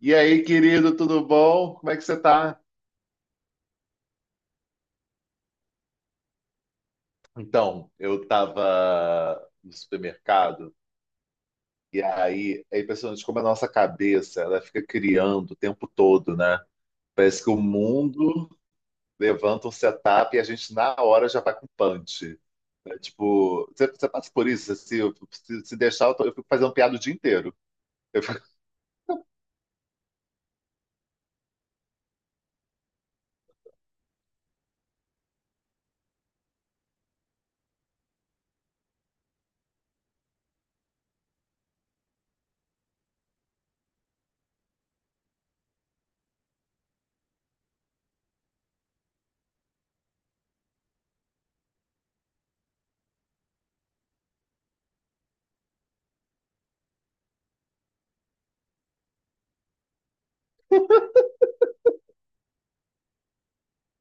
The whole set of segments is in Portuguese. E aí, querido, tudo bom? Como é que você tá? Então, eu tava no supermercado e aí é impressionante como a nossa cabeça, ela fica criando o tempo todo, né? Parece que o mundo levanta um setup e a gente na hora já vai com punch. Né? Tipo, você passa por isso, assim, se deixar, eu fico fazendo piada o dia inteiro. Eu fico,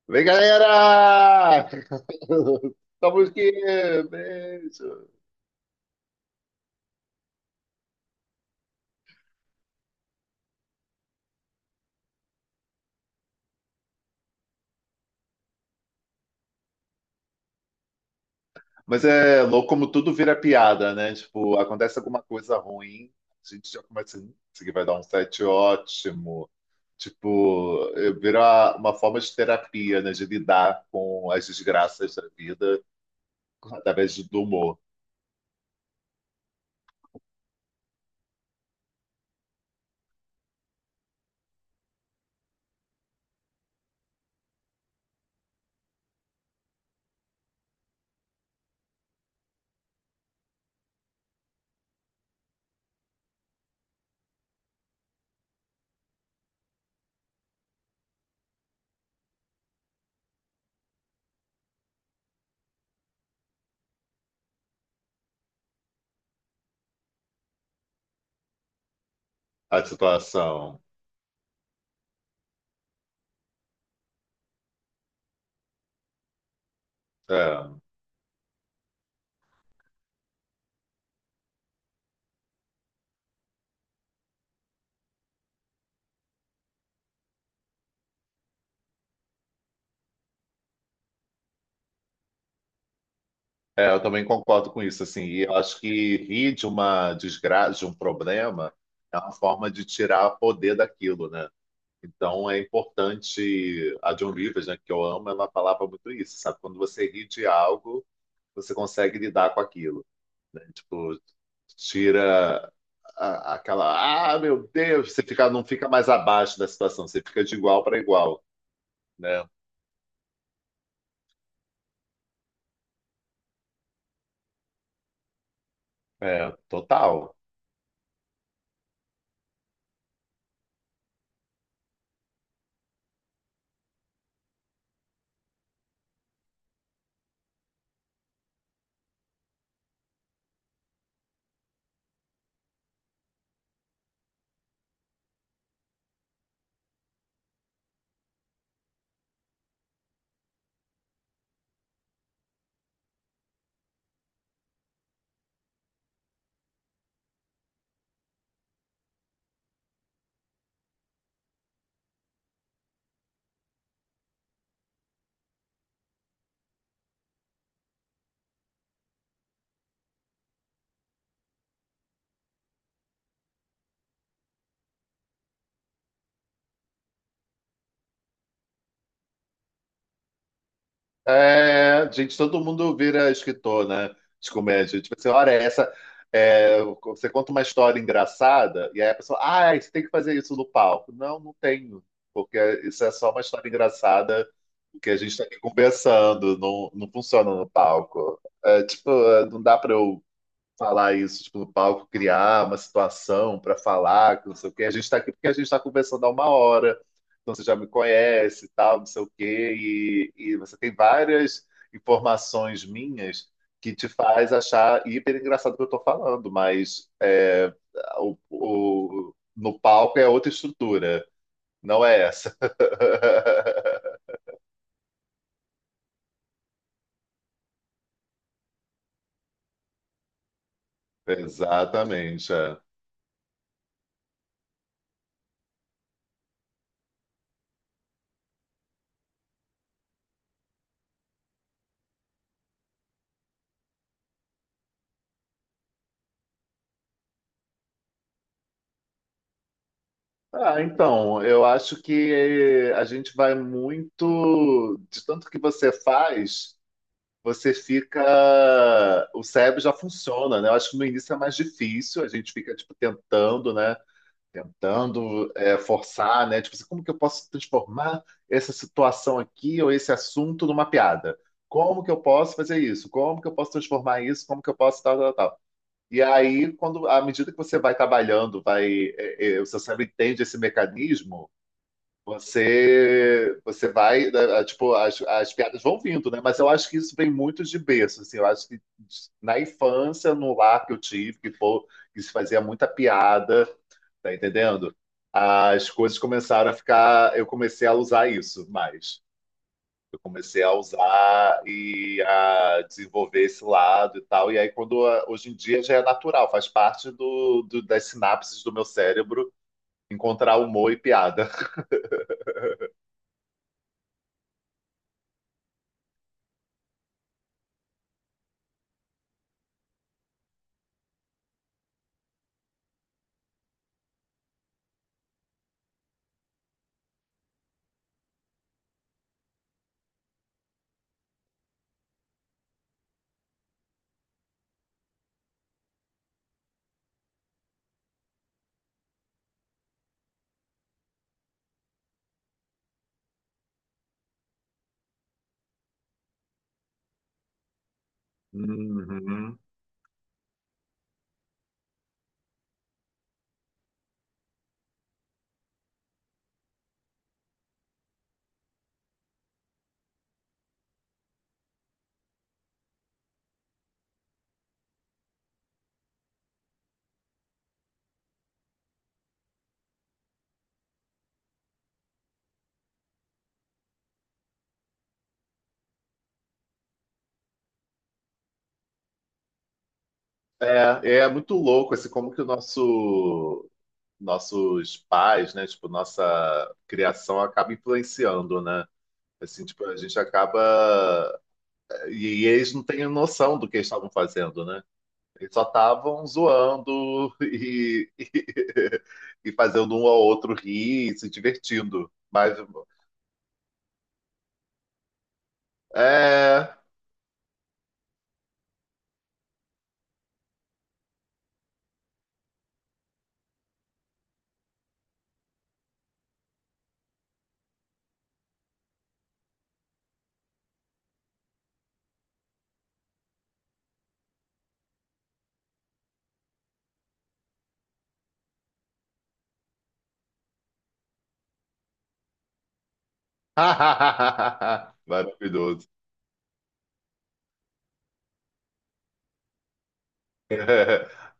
vem galera! Estamos aqui! Beijo! Mas é louco como tudo vira piada, né? Tipo, acontece alguma coisa ruim, a gente já começa, isso aqui vai dar um set ótimo. Tipo, é, vira uma forma de terapia, né? De lidar com as desgraças da vida através do humor, a situação. É, é, eu também concordo com isso, assim. E eu acho que rir de uma desgraça, de um problema, é uma forma de tirar poder daquilo, né? Então é importante a John Rivers, né, que eu amo, ela falava muito isso, sabe? Quando você ri de algo, você consegue lidar com aquilo, né? Tipo, tira aquela, ah, meu Deus, você fica, não fica mais abaixo da situação, você fica de igual para igual, né? É, total. É, gente, todo mundo vira escritor, né? De comédia. Tipo assim, olha, essa. É, você conta uma história engraçada, e aí a pessoa, ah, você tem que fazer isso no palco. Não, não tenho, porque isso é só uma história engraçada que a gente está aqui conversando, não, não funciona no palco. É, tipo, é, não dá para eu falar isso, tipo, no palco, criar uma situação para falar, que não sei o quê. A gente está aqui porque a gente está conversando há uma hora, então você já me conhece, e tal, não sei o quê, e você tem várias informações minhas que te faz achar hiper engraçado o que eu estou falando, mas é, no palco é outra estrutura, não é essa. Exatamente, é. Ah, então, eu acho que a gente vai muito. De tanto que você faz, você fica. O cérebro já funciona, né? Eu acho que no início é mais difícil, a gente fica, tipo, tentando, né? Tentando é, forçar, né? Tipo assim, como que eu posso transformar essa situação aqui ou esse assunto numa piada? Como que eu posso fazer isso? Como que eu posso transformar isso? Como que eu posso tal, tal, tal? E aí, quando, à medida que você vai trabalhando, vai, é, é, o seu cérebro entende esse mecanismo, você vai, né, é, tipo, as piadas vão vindo, né? Mas eu acho que isso vem muito de berço, assim, eu acho que na infância, no lar que eu tive, que, pô, que se fazia muita piada, tá entendendo? As coisas começaram a ficar, eu comecei a usar isso mais. Eu comecei a usar e a desenvolver esse lado e tal. E aí, quando hoje em dia já é natural, faz parte do, das sinapses do meu cérebro encontrar humor e piada. Uhum. É, é muito louco, assim, como que o nosso, nossos pais, né, tipo, nossa criação acaba influenciando, né? Assim, tipo, a gente acaba... E, e eles não têm noção do que eles estavam fazendo, né? Eles só estavam zoando e, e, fazendo um ao outro rir e se divertindo. Mas, é... Maravilhoso.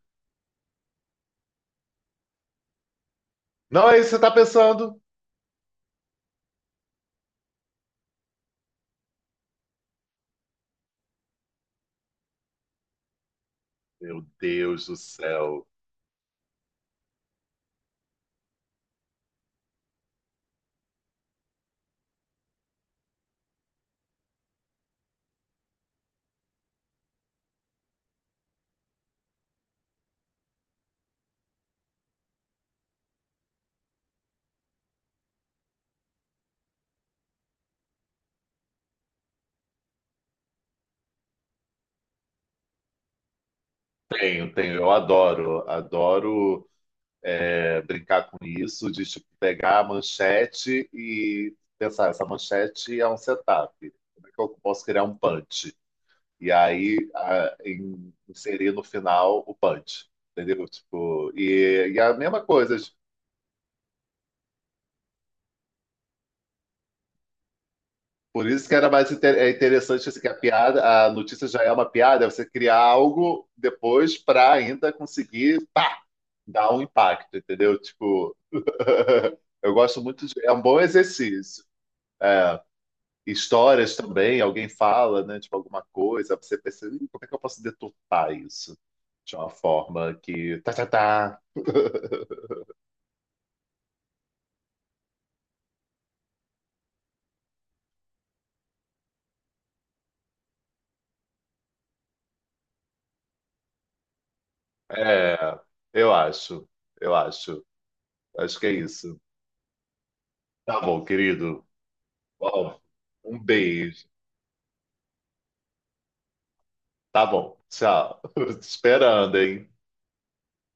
Não é isso que você tá pensando? Meu Deus do céu. Tenho, tenho, eu adoro, adoro é, brincar com isso, de tipo, pegar a manchete e pensar, essa manchete é um setup, como é que eu posso criar um punch? E aí inserir no final o punch, entendeu? Tipo, e a mesma coisa, tipo, por isso que era mais é interessante assim, que a piada, a notícia já é uma piada, é você criar algo depois para ainda conseguir, pá! Dá um impacto, entendeu? Tipo, eu gosto muito de. É um bom exercício. Histórias também, alguém fala, né? Tipo, alguma coisa, você pensa, "Ih, como é que eu posso deturpar isso? De uma forma que. Tá, tá, tá. É, eu acho, eu acho. Acho que é isso. Tá bom, querido. Bom, um beijo. Tá bom, tchau. Te Esperando, hein?